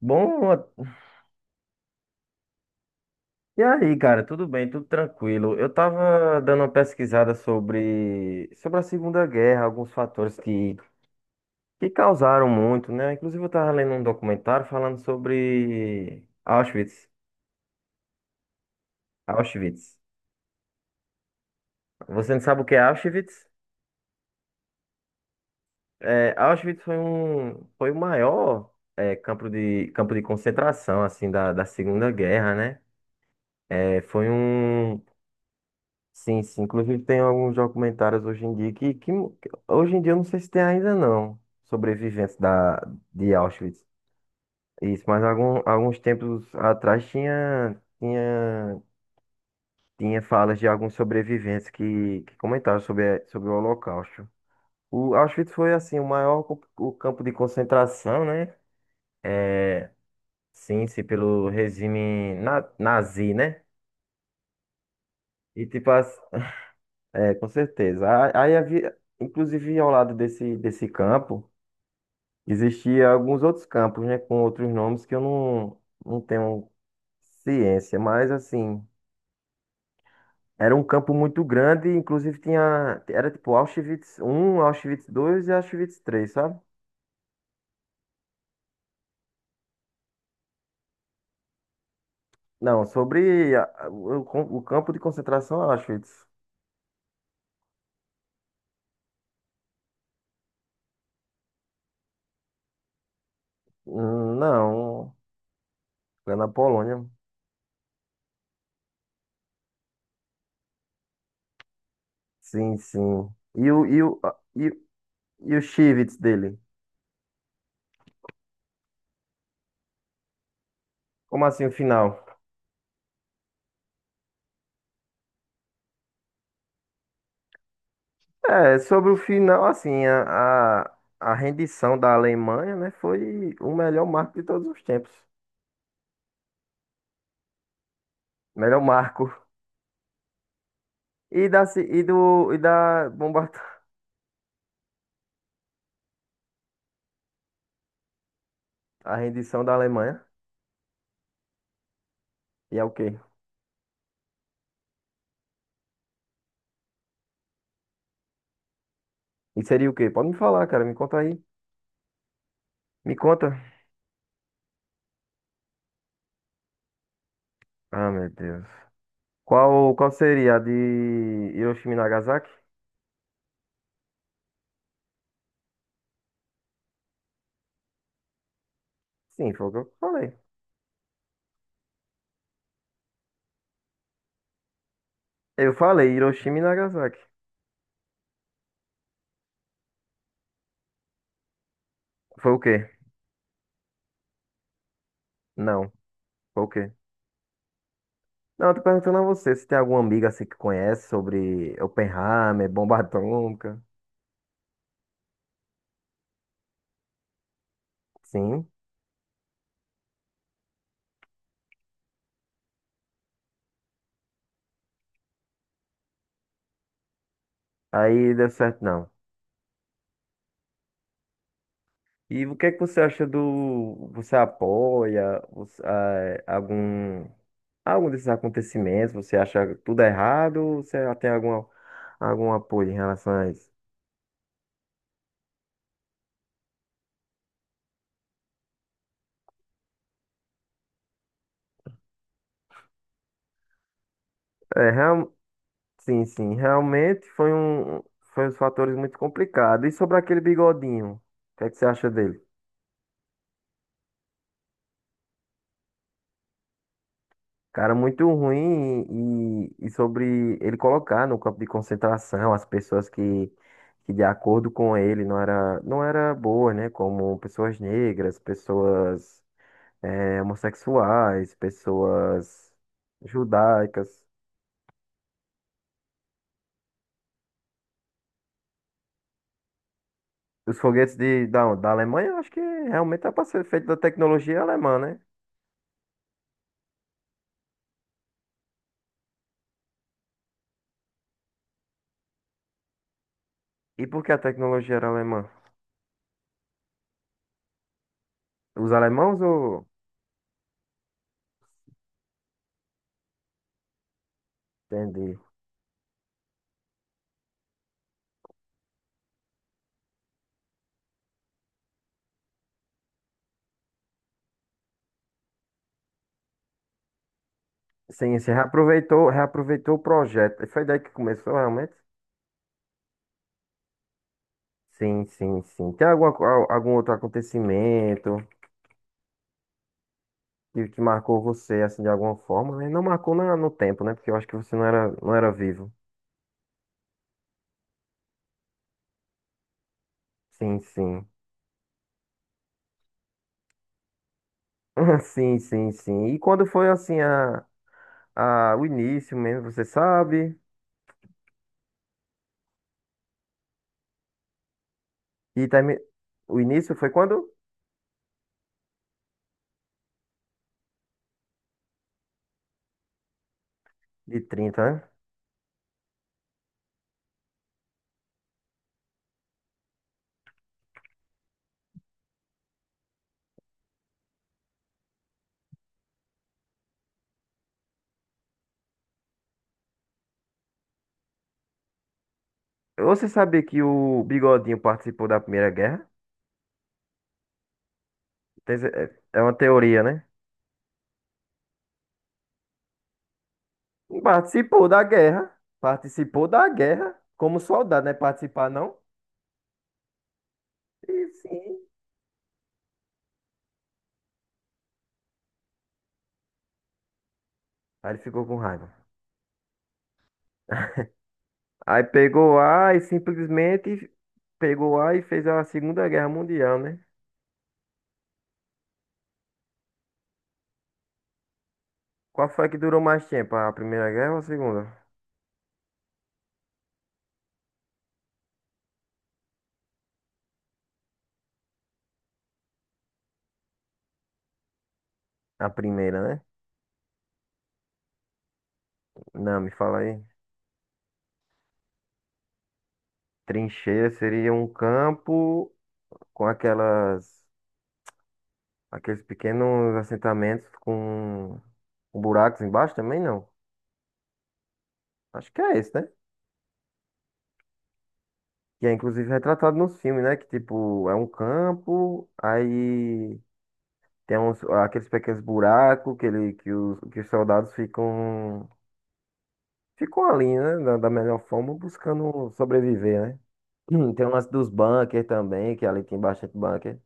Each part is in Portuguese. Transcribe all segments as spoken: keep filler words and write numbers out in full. Bom, e aí, cara? Tudo bem? Tudo tranquilo? Eu tava dando uma pesquisada sobre, sobre a Segunda Guerra, alguns fatores que, que causaram muito, né? Inclusive, eu tava lendo um documentário falando sobre Auschwitz. Auschwitz. Você não sabe o que é Auschwitz? É, Auschwitz foi um, foi o maior, é, campo de, campo de concentração, assim, da, da Segunda Guerra, né? É, foi um Sim, sim. Inclusive tem alguns documentários hoje em dia que, que que- hoje em dia eu não sei se tem ainda não, sobreviventes da, de Auschwitz. Isso, mas algum, alguns tempos atrás tinha, tinha, tinha falas de alguns sobreviventes que, que comentaram sobre, a- sobre o Holocausto. O Auschwitz foi assim o maior co- o campo de concentração, né? Sim, sim, pelo regime na- nazi, né? E tipo, as- É, com certeza. Aí aí havia, inclusive ao lado desse, desse campo. Existia alguns outros campos, né, com outros nomes que eu não, não tenho ciência, mas assim, era um campo muito grande, inclusive tinha, era tipo Auschwitz um, Auschwitz dois e Auschwitz três, sabe? Não, sobre a- a- o, com- o campo de concentração Auschwitz. Hum, Não, é na Polônia. Sim, sim. E o, e o, e, o- e o Auschwitz dele? Como assim o final? É, sobre o final, assim, a, a, a rendição da Alemanha, né, foi o melhor marco de todos os tempos. Melhor marco. E da, ci- e do, e da bomba, a rendição da Alemanha. E é o quê? E seria o quê? Pode me falar, cara, me conta aí. Me conta. Ah, meu Deus. Qual, qual seria a de Hiroshima e Nagasaki? Sim, foi o que eu falei. Eu falei Hiroshima e Nagasaki. Foi o quê? Não. Foi o quê? Não, eu tô perguntando a você se tem alguma amiga assim que conhece sobre Oppenheimer, bomba atômica. Sim. Aí deu certo, não. E o que é que você acha do. Você apoia você, eh, algum, algum desses acontecimentos? Você acha tudo errado? Ou você já tem alguma, algum apoio em relação a isso? É, real, sim, sim. Realmente foi um, foi uns fatores muito complicados. E sobre aquele bigodinho? O que é que você acha dele? Cara, muito ruim e, e sobre ele colocar no campo de concentração as pessoas que, que de acordo com ele não era, não era boa, né? Como pessoas negras, pessoas eh, homossexuais, pessoas judaicas. Os foguetes de, da, da Alemanha, eu acho que realmente é para ser feito da tecnologia alemã, né? E por que a tecnologia era alemã? Os alemãos ou... Entendi. Sim, você reaproveitou, reaproveitou o projeto. Foi daí que começou realmente? Sim, sim, sim. Tem alguma, co- al- algum outro acontecimento que, que marcou você, assim, de alguma forma, né? Não marcou na, no tempo, né? Porque eu acho que você não era, não era vivo. Sim, sim. Sim, sim, sim. E quando foi, assim, a, a, o início mesmo, você sabe? E também, o início foi quando? De trinta né? Você sabia que o Bigodinho participou da Primeira Guerra? Tem ce- É é uma teoria, né? Participou da guerra. Participou da guerra como soldado, né? Participar não? Sim, sim. Aí ele ficou com raiva. Aí pegou A e simplesmente pegou A e fez a Segunda Guerra Mundial, né? Qual foi a que durou mais tempo? A Primeira Guerra ou a Segunda? A primeira, né? Não, me fala aí. Trincheira seria um campo com aquelas, aqueles pequenos assentamentos com, com buracos embaixo também, não. Acho que é esse, né? Que é inclusive retratado nos filmes, né? Que tipo, é um campo, aí tem uns, aqueles pequenos buracos que, ele, que, os, que os soldados ficam, ficam ali, né? Da, da melhor forma, buscando sobreviver, né? Hum, tem o lance dos bunkers também, que é ali tem bastante bunker.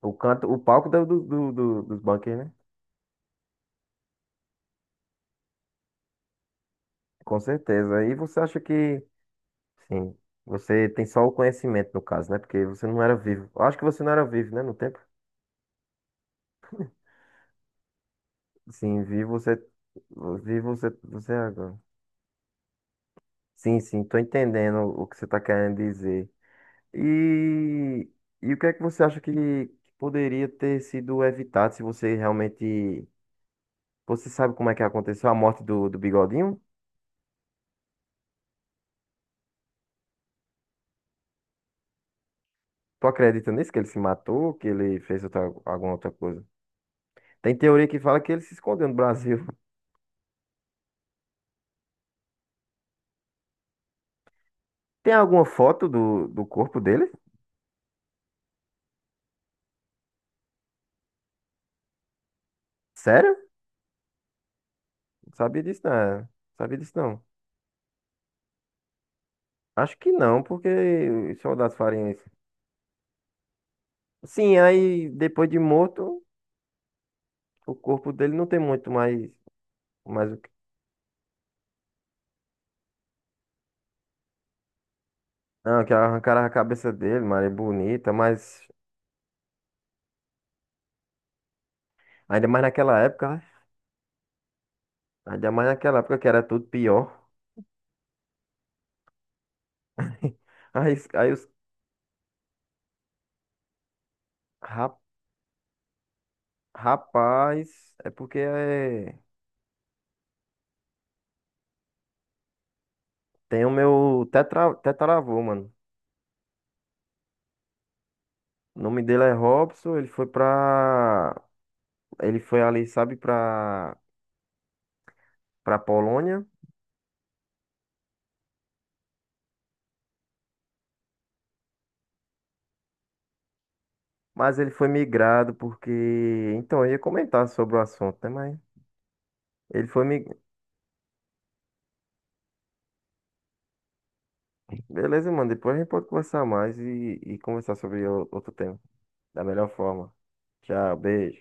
O canto, o palco do, do, do- do- dos bunkers, né? Com certeza. E você acha que, sim, você tem só o conhecimento, no caso, né? Porque você não era vivo. Eu acho que você não era vivo, né? No tempo. Sim, vivo você. Vivo você, você é agora. Sim, sim, tô entendendo o que você tá querendo dizer. E, e o que é que você acha que, que poderia ter sido evitado se você realmente. Você sabe como é que aconteceu a morte do, do Bigodinho? Tu acredita nisso? Que ele se matou? Que ele fez outra, alguma outra coisa? Tem teoria que fala que ele se escondeu no Brasil. Tem alguma foto do, do corpo dele? Sério? Não sabia disso, não. Sabia disso, não. Acho que não, porque os soldados fariam isso. Sim, aí depois de morto, o corpo dele não tem muito mais, mais o que. Não, que arrancaram a cabeça dele, mano, é bonita, mas ainda mais naquela época, né? Ainda mais naquela época que era tudo pior. Aí, os- aí os ra- rapaz, é porque é, tem o meu tetra, tetaravô, mano. O nome dele é Robson, ele foi pra. Ele foi ali, sabe, pra, pra Polônia, mas ele foi migrado porque. Então, eu ia comentar sobre o assunto, né? Mas ele foi migrado. Beleza, mano, depois a gente pode conversar mais e, e conversar sobre o- outro tema. Da melhor forma. Tchau, beijo.